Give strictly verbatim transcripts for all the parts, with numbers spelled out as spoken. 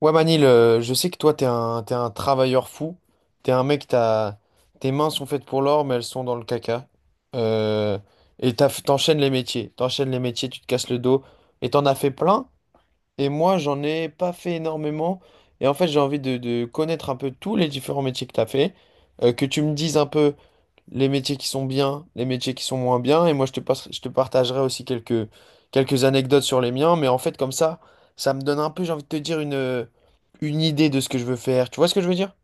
Ouais Manil, euh, je sais que toi t'es un, t'es un travailleur fou, t'es un mec, t'as, tes mains sont faites pour l'or mais elles sont dans le caca. Euh, et t'as- t'enchaînes les métiers, t'enchaînes les métiers, tu te casses le dos et t'en as fait plein, et moi j'en ai pas fait énormément. Et en fait, j'ai envie de, de connaître un peu tous les différents métiers que t'as fait, euh, que tu me dises un peu les métiers qui sont bien, les métiers qui sont moins bien. Et moi, je te passe- je te partagerai aussi quelques, quelques anecdotes sur les miens. Mais en fait, comme ça, ça me donne un peu, j'ai envie de te dire, une, une idée de ce que je veux faire. Tu vois ce que je veux dire?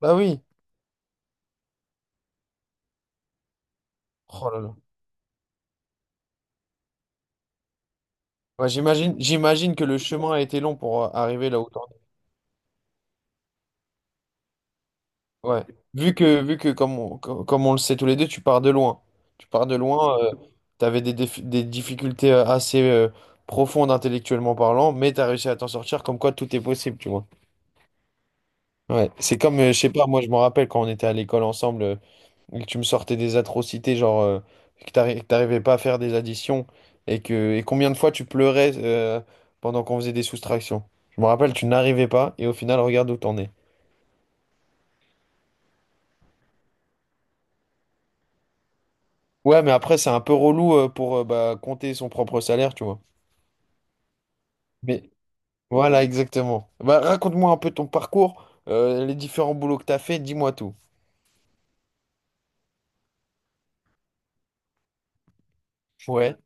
Bah oui. Oh là là. Ouais, j'imagine, j'imagine que le chemin a été long pour euh, arriver là où t'en es. Ouais. Vu que, vu que comme on, co- comme on le sait tous les deux, tu pars de loin. Tu pars de loin, tu avais des, défi- des difficultés euh, assez euh, profondes, intellectuellement parlant, mais tu as réussi à t'en sortir, comme quoi tout est possible, tu vois. Ouais, c'est comme, euh, je sais pas, moi je me rappelle quand on était à l'école ensemble, euh, et que tu me sortais des atrocités, genre euh, que t'arri- que t'arrivais pas à faire des additions, et que et combien de fois tu pleurais euh, pendant qu'on faisait des soustractions. Je me rappelle, tu n'arrivais pas, et au final, regarde où t'en es. Ouais, mais après, c'est un peu relou euh, pour euh, bah, compter son propre salaire, tu vois. Mais voilà, exactement. Bah, raconte-moi un peu ton parcours, euh, les différents boulots que t'as fait, dis-moi tout. Ouais.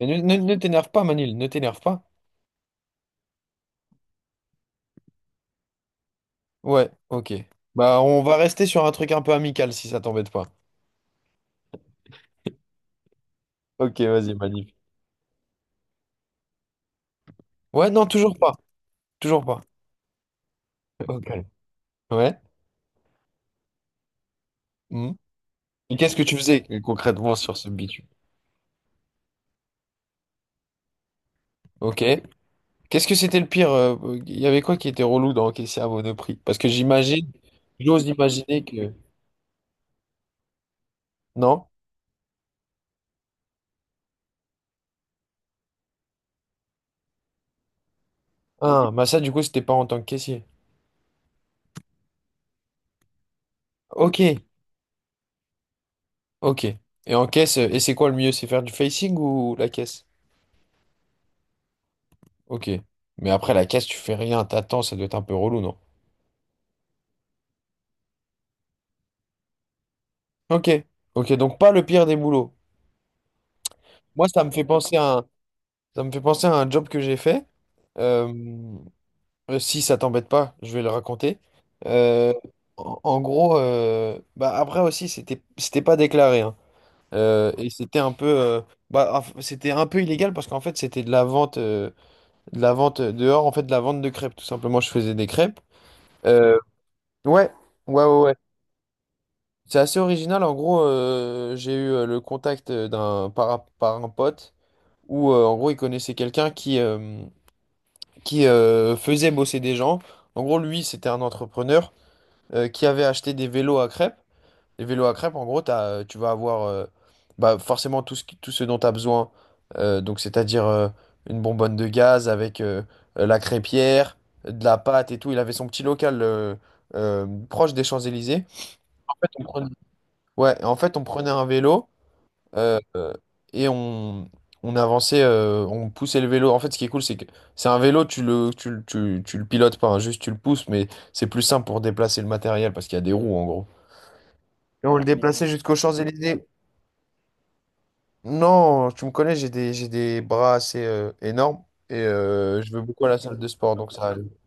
Et ne, ne, ne t'énerve pas, Manil, ne t'énerve pas. Ouais, ok. Bah, on va rester sur un truc un peu amical si ça t'embête pas. Ok, vas-y, magnifique. Ouais, non, toujours pas. Toujours pas. Ok. Ouais. Hmm. Et qu'est-ce que tu faisais, euh, concrètement, sur ce bitume? Ok. Qu'est-ce que c'était le pire? euh, Il y avait quoi qui était relou dans encaisser à Monoprix? Parce que j'imagine, j'ose imaginer que. Non? Ah, bah ça, du coup, c'était pas en tant que caissier. Ok, ok. Et en caisse, euh, et c'est quoi le mieux? C'est faire du facing ou la caisse? Ok. Mais après, la caisse, tu fais rien, t'attends, ça doit être un peu relou, non? Ok, ok, donc pas le pire des boulots. Moi, ça me fait penser à un, ça me fait penser à un job que j'ai fait. Euh, euh, Si ça t'embête pas, je vais le raconter. Euh, en, en gros, euh, bah, après aussi, c'était, c'était pas déclaré, hein. Euh, et c'était un peu, euh, bah, enf- c'était un peu illégal, parce qu'en fait, c'était de la vente, euh, de la vente dehors, en fait, de la vente de crêpes. Tout simplement, je faisais des crêpes. Euh, ouais, ouais, ouais, ouais. C'est assez original. En gros, euh, j'ai eu euh, le contact euh, d'un par, par un pote, où euh, en gros, il connaissait quelqu'un qui, euh, qui euh, faisait bosser des gens. En gros, lui, c'était un entrepreneur euh, qui avait acheté des vélos à crêpes. Les vélos à crêpes, en gros, t'as, euh, tu vas avoir euh, bah, forcément, tout ce, qui- tout ce dont tu as besoin. Euh, donc, c'est-à-dire, euh, une bonbonne de gaz avec euh, euh, la crêpière, de la pâte et tout. Il avait son petit local euh, euh, proche des Champs-Élysées. On prenait- Ouais, en fait, on prenait un vélo. Euh, euh, et on, on avançait, euh, on poussait le vélo. En fait, ce qui est cool, c'est que c'est un vélo, tu le, tu, le- tu, tu le pilotes pas, hein, juste tu le pousses, mais c'est plus simple pour déplacer le matériel, parce qu'il y a des roues, en gros. Et on le déplaçait jusqu'aux Champs-Élysées. Non, tu me connais, j'ai des, j'ai des bras assez euh, énormes, et euh, je vais beaucoup à la salle de sport, donc ça allait.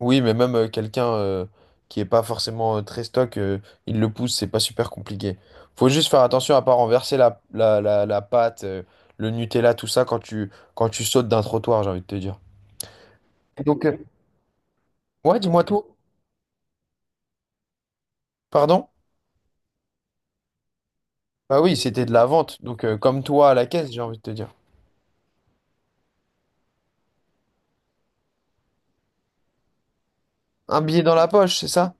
Oui, mais même, euh, quelqu'un euh, qui est pas forcément euh, très stock, euh, il le pousse, c'est pas super compliqué. Faut juste faire attention à pas renverser la, la, la, la pâte, euh, le Nutella, tout ça quand tu, quand tu, sautes d'un trottoir, j'ai envie de te dire. Et donc, euh, ouais, dis-moi tout. Pardon? Bah oui, c'était de la vente. Donc, euh, comme toi à la caisse, j'ai envie de te dire. Un billet dans la poche, c'est ça?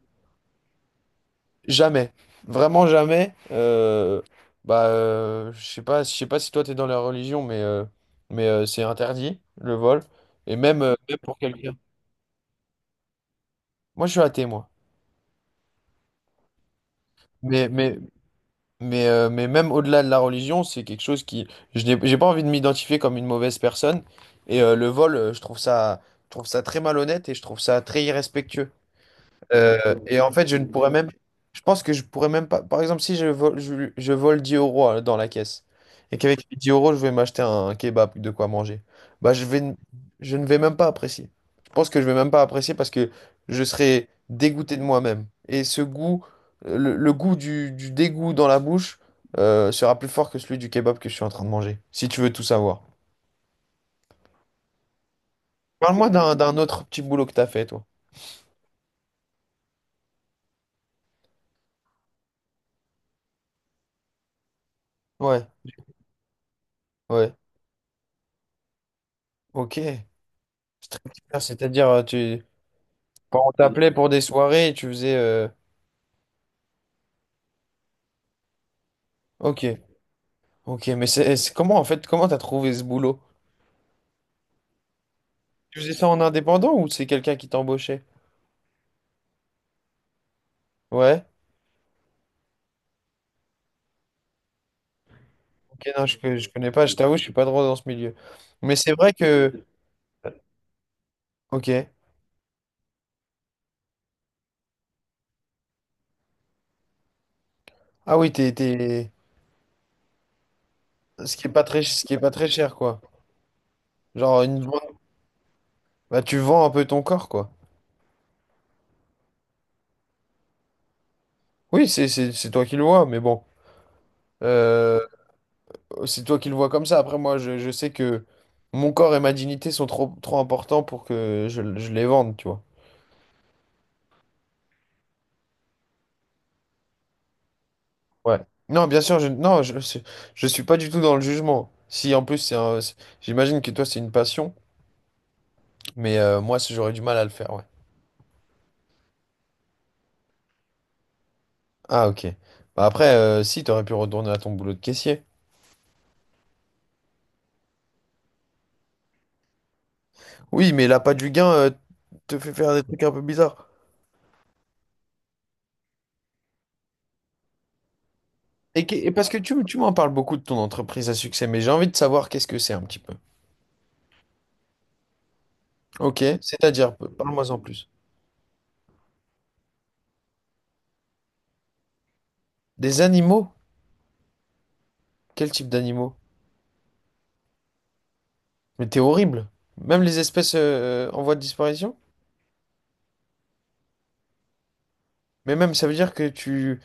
Jamais. Vraiment jamais. Euh, bah, euh, je sais pas, je sais pas si toi t'es dans la religion, mais, euh, mais euh, c'est interdit, le vol. Et même, euh, même pour quelqu'un. Moi, je suis athée, moi. Mais, mais, mais, euh, mais même au-delà de la religion, c'est quelque chose qui… Je n'ai, j'ai pas envie de m'identifier comme une mauvaise personne. Et euh, le vol, euh, je trouve ça, je trouve ça très malhonnête, et je trouve ça très irrespectueux. Euh, et en fait, je ne pourrais même. Je pense que je pourrais même pas. Par exemple, si je vole, je, je vole dix euros euh, dans la caisse, et qu'avec les dix euros, je vais m'acheter un kebab, de quoi manger, bah, je vais, n- je ne vais même pas apprécier. Je pense que je vais même pas apprécier, parce que je serai dégoûté de moi-même. Et ce goût, euh, le, le goût du, du dégoût dans la bouche, euh, sera plus fort que celui du kebab que je suis en train de manger, si tu veux tout savoir. Parle-moi d'un, d'un autre petit boulot que t'as fait, toi. Ouais, ouais, ok. Ah, c'est-à-dire, euh, tu, quand on t'appelait pour des soirées, tu faisais euh, Ok, ok, mais c'est c'est- comment, en fait, comment t'as trouvé ce boulot? Tu faisais ça en indépendant ou c'est quelqu'un qui t'embauchait? Ouais, ok, non, je, je connais pas, je t'avoue, je suis pas trop dans ce milieu. Mais c'est vrai que, ok, ah oui, t'es, t'es- ce qui est pas très, ce qui est pas très cher, quoi. Genre, une... vente- Bah, tu vends un peu ton corps, quoi. Oui, c'est c'est- c'est toi qui le vois, mais bon, Euh, c'est toi qui le vois comme ça. Après, moi, je, je sais que mon corps et ma dignité sont trop, trop importants pour que je je les vende, tu vois. Ouais. Non, bien sûr, je non, je, je je suis pas du tout dans le jugement. Si en plus c'est un- c'est- j'imagine que toi c'est une passion, mais euh, moi si j'aurais du mal à le faire, ouais. Ah ok. Bah après, euh, si t'aurais pu retourner à ton boulot de caissier. Oui, mais l'appât du gain euh, te fait faire des trucs un peu bizarres. Et, que- et parce que tu, tu m'en parles beaucoup de ton entreprise à succès, mais j'ai envie de savoir qu'est-ce que c'est un petit peu. Ok, c'est-à-dire, p- parle-moi en plus. Des animaux? Quel type d'animaux? Mais t'es horrible. Même les espèces, euh, en voie de disparition? Mais même, ça veut dire que tu…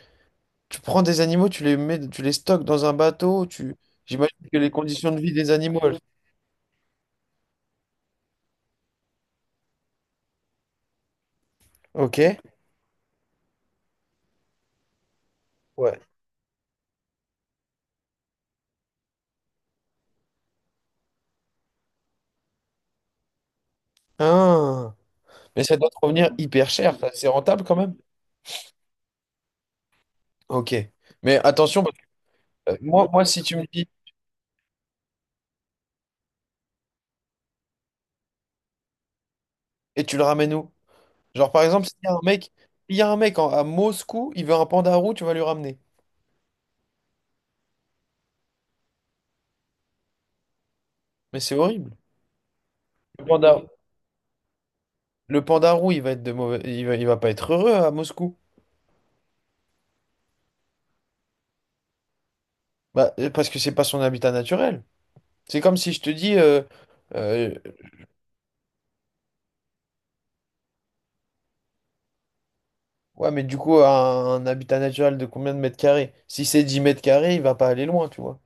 Tu prends des animaux, tu les mets, tu les stockes dans un bateau, tu… J'imagine que les conditions de vie des animaux... elles- Ok. Ouais. Ah. Mais ça doit te revenir hyper cher, ça. c'est rentable quand même. Ok. Mais attention, parce que, euh, moi, moi, si tu me dis, et tu le ramènes où? Genre, par exemple, s'il y a un mec, il y a un mec en- à Moscou, il veut un panda roux, tu vas lui ramener. Mais c'est horrible. Le panda, le panda roux, il va être de mauvais, il va, il va pas être heureux à Moscou. Bah, euh, parce que c'est pas son habitat naturel. C'est comme si je te dis, euh, euh, Ouais, mais du coup, un, un habitat naturel de combien de mètres carrés? Si c'est dix mètres carrés, il va pas aller loin, tu vois.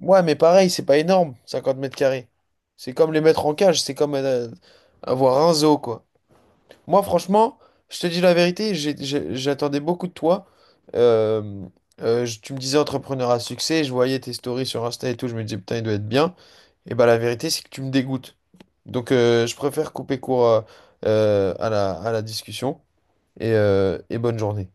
Ouais, mais pareil, c'est pas énorme, cinquante mètres carrés. C'est comme les mettre en cage, c'est comme euh, avoir un zoo, quoi. Moi, franchement, je te dis la vérité, j'ai- j'ai- j'attendais beaucoup de toi. Euh, euh, je- Tu me disais entrepreneur à succès, je voyais tes stories sur Insta et tout, je me disais, putain, il doit être bien. Et bah, la vérité, c'est que tu me dégoûtes. Donc, euh, je préfère couper court, euh, euh, à la, à la discussion. Et, euh, et bonne journée.